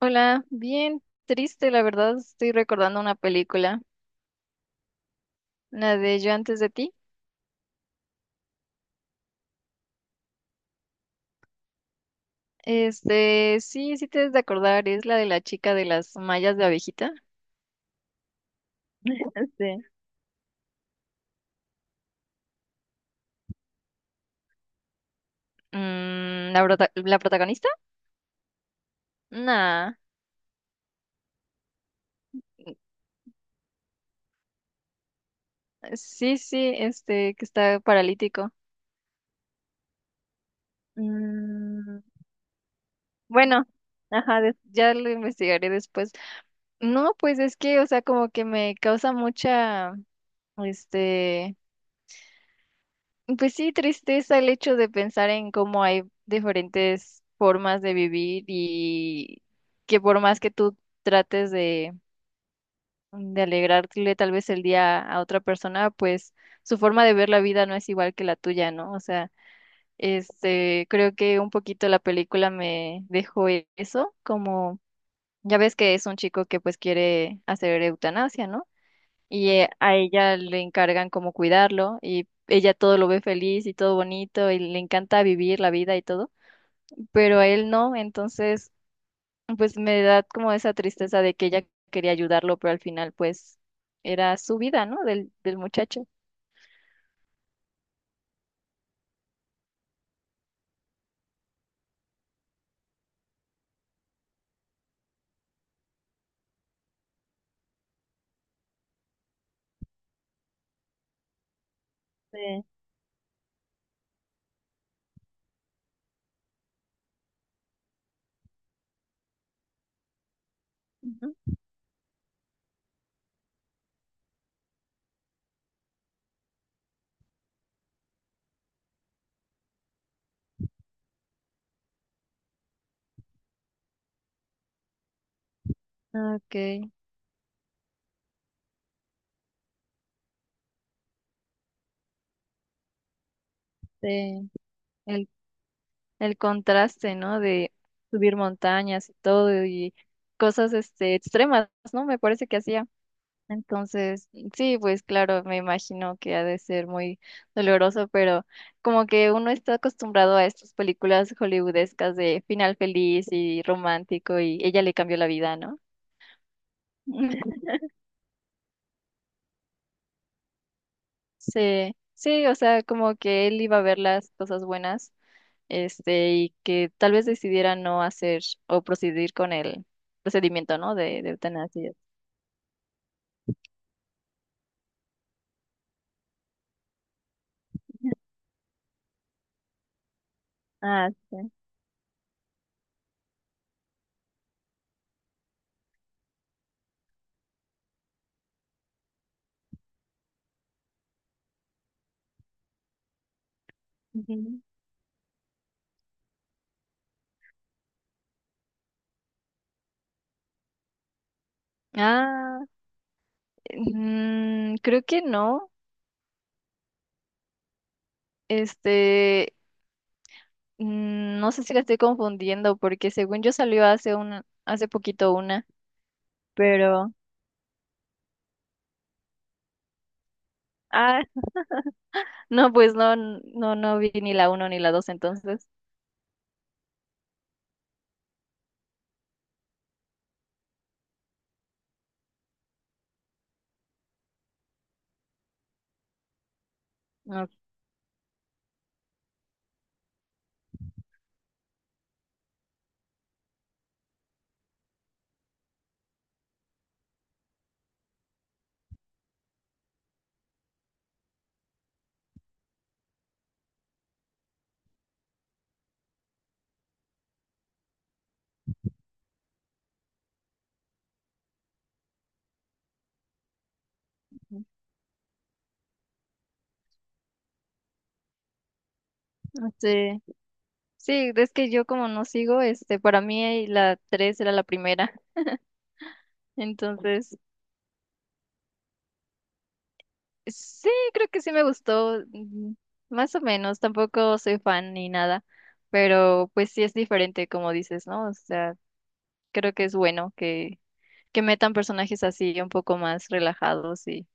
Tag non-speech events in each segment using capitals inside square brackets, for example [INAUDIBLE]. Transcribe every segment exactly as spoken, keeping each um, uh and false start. Hola, bien triste, la verdad, estoy recordando una película, la de Yo antes de ti. Este, sí, sí te debes de acordar, es la de la chica de las mallas de abejita. [LAUGHS] Este. Mm, ¿la, prota- la protagonista? Nah, sí, sí, este, que está paralítico. Mm, bueno, ajá, des- ya lo investigaré después. No, pues es que, o sea, como que me causa mucha, este... Pues sí, tristeza el hecho de pensar en cómo hay diferentes formas de vivir y que por más que tú trates de, de alegrarle tal vez el día a otra persona, pues su forma de ver la vida no es igual que la tuya, ¿no? O sea, este, creo que un poquito la película me dejó e- eso, como ya ves que es un chico que pues quiere hacer eutanasia, ¿no? Y eh, a ella le encargan como cuidarlo y ella todo lo ve feliz y todo bonito y le encanta vivir la vida y todo, pero a él no, entonces pues me da como esa tristeza de que ella quería ayudarlo, pero al final pues era su vida, ¿no? Del, del muchacho. Sí. Ujú. Okay, sí. El, el contraste, ¿no? De subir montañas y todo y cosas este extremas, ¿no? Me parece que hacía. Entonces, sí, pues claro, me imagino que ha de ser muy doloroso, pero como que uno está acostumbrado a estas películas hollywoodescas de final feliz y romántico y ella le cambió la vida, ¿no? [LAUGHS] Sí, sí, o sea, como que él iba a ver las cosas buenas, este, y que tal vez decidiera no hacer o proceder con el procedimiento, ¿no? De, de eutanasia. Ah, sí. Ujú. Ah, mm, creo que no. Este, Mm, No sé si la estoy confundiendo porque según yo salió hace una, hace poquito una, pero ah, [LAUGHS] no, pues no, n- no, no vi ni la uno ni la dos entonces. No, no sé. Sí, es que yo como no sigo, este, para mí la tres era la primera. [LAUGHS] Entonces, sí, creo que sí me gustó, mm, más o menos, tampoco soy fan ni nada, pero pues sí es diferente como dices, ¿no? O sea, creo que es bueno que, que metan personajes así un poco más relajados y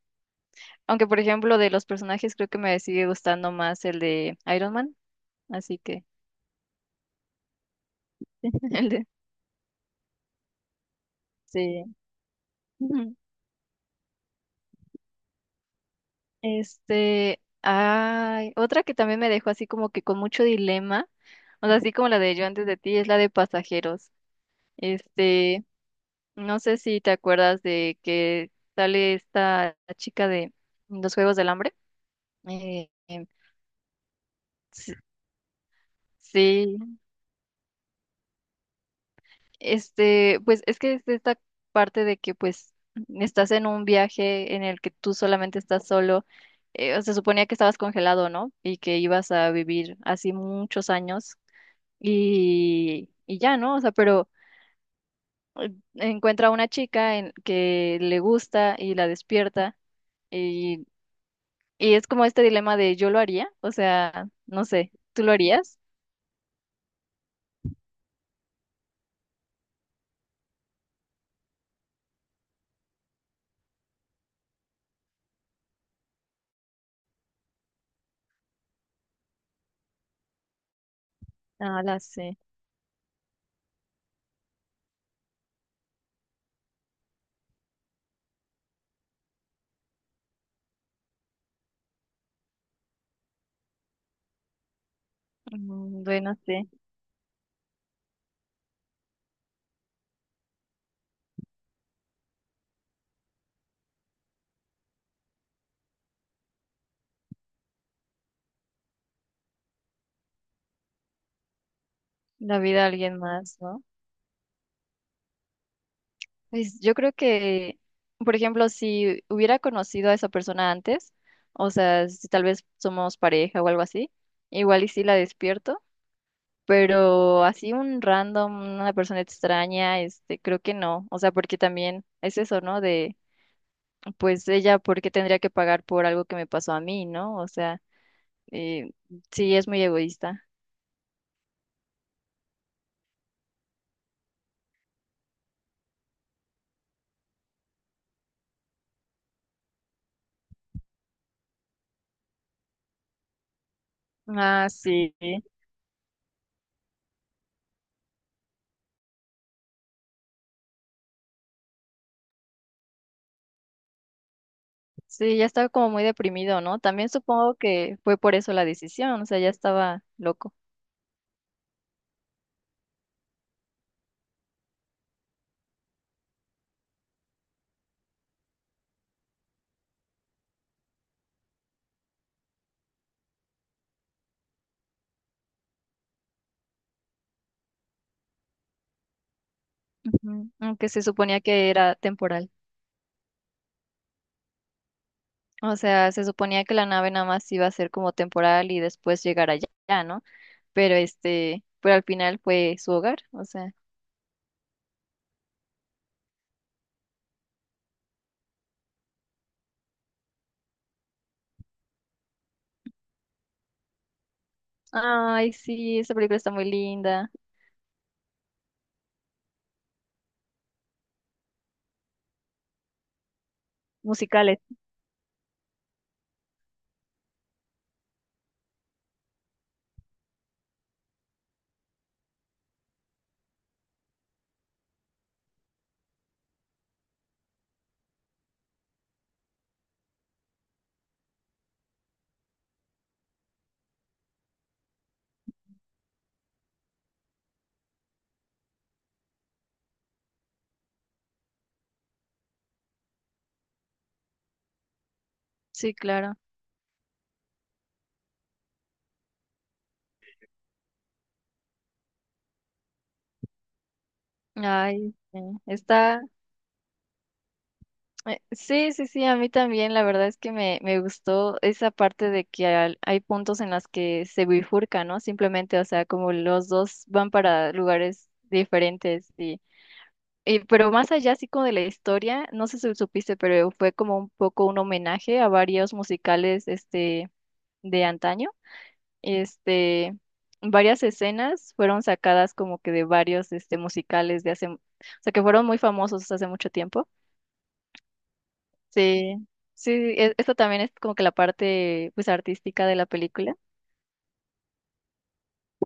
aunque por ejemplo de los personajes creo que me sigue gustando más el de Iron Man, así que [LAUGHS] el de sí. Ujú. Este, ay, otra que también me dejó así como que con mucho dilema, o sea, así como la de Yo antes de ti es la de Pasajeros. Este, no sé si te acuerdas de que sale esta chica de los Juegos del Hambre. Eh, em, sí. Este, pues es que es esta parte de que pues estás en un viaje en el que tú solamente estás solo. Eh, se suponía que estabas congelado, ¿no? Y que ibas a vivir así muchos años y, y ya, ¿no? O sea, pero encuentra a una chica en, que le gusta y la despierta y, y es como este dilema de yo lo haría, o sea, no sé, ¿tú lo harías? Ah, la sé. Mm, Bueno, sí, la vida de alguien más, ¿no? Pues yo creo que, por ejemplo, si hubiera conocido a esa persona antes, o sea, si tal vez somos pareja o algo así, igual y sí la despierto, pero así un random, una persona extraña, este, creo que no, o sea, porque también es eso, ¿no? De, pues ella, ¿por qué tendría que pagar por algo que me pasó a mí? ¿No? O sea, eh, sí, es muy egoísta. Ah, sí. Sí, ya estaba como muy deprimido, ¿no? También supongo que fue por eso la decisión, o sea, ya estaba loco. Ujú. Aunque se suponía que era temporal. O sea, se suponía que la nave nada más iba a ser como temporal y después llegar allá, ¿no? Pero este, pero al final fue su hogar. O sea, ay, sí, esa película está muy linda. Musicales. Sí, claro. Ay, sí, está. Eh, sí, sí, sí, a mí también. La verdad es que me, me gustó esa parte de que al- hay puntos en las que se bifurca, ¿no? Simplemente, o sea, como los dos van para lugares diferentes. Eh, pero más allá, así como de la historia, no sé si supiste, pero fue como un poco un homenaje a varios musicales este, de antaño. Este, varias escenas fueron sacadas como que de varios este, musicales de hace, o sea, que fueron muy famosos hace mucho tiempo. Sí, sí, e- esto también es como que la parte pues artística de la película.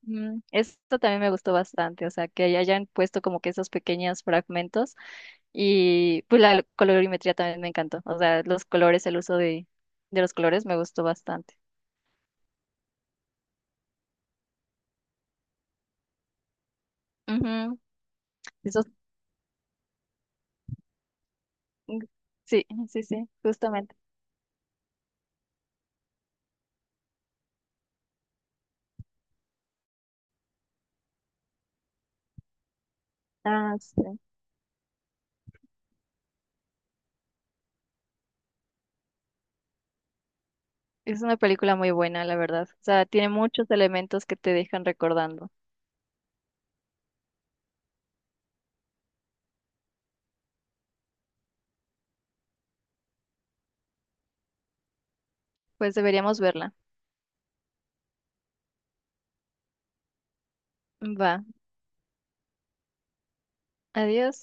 Mm, esto también me gustó bastante, o sea, que hayan puesto como que esos pequeños fragmentos. Y pues la colorimetría también me encantó. O sea, los colores, el uso de, de los colores me gustó bastante. Ujú. Eso, sí, sí, sí, justamente. Ah, sí. Es una película muy buena, la verdad. O sea, tiene muchos elementos que te dejan recordando. Pues deberíamos verla. Va. Adiós.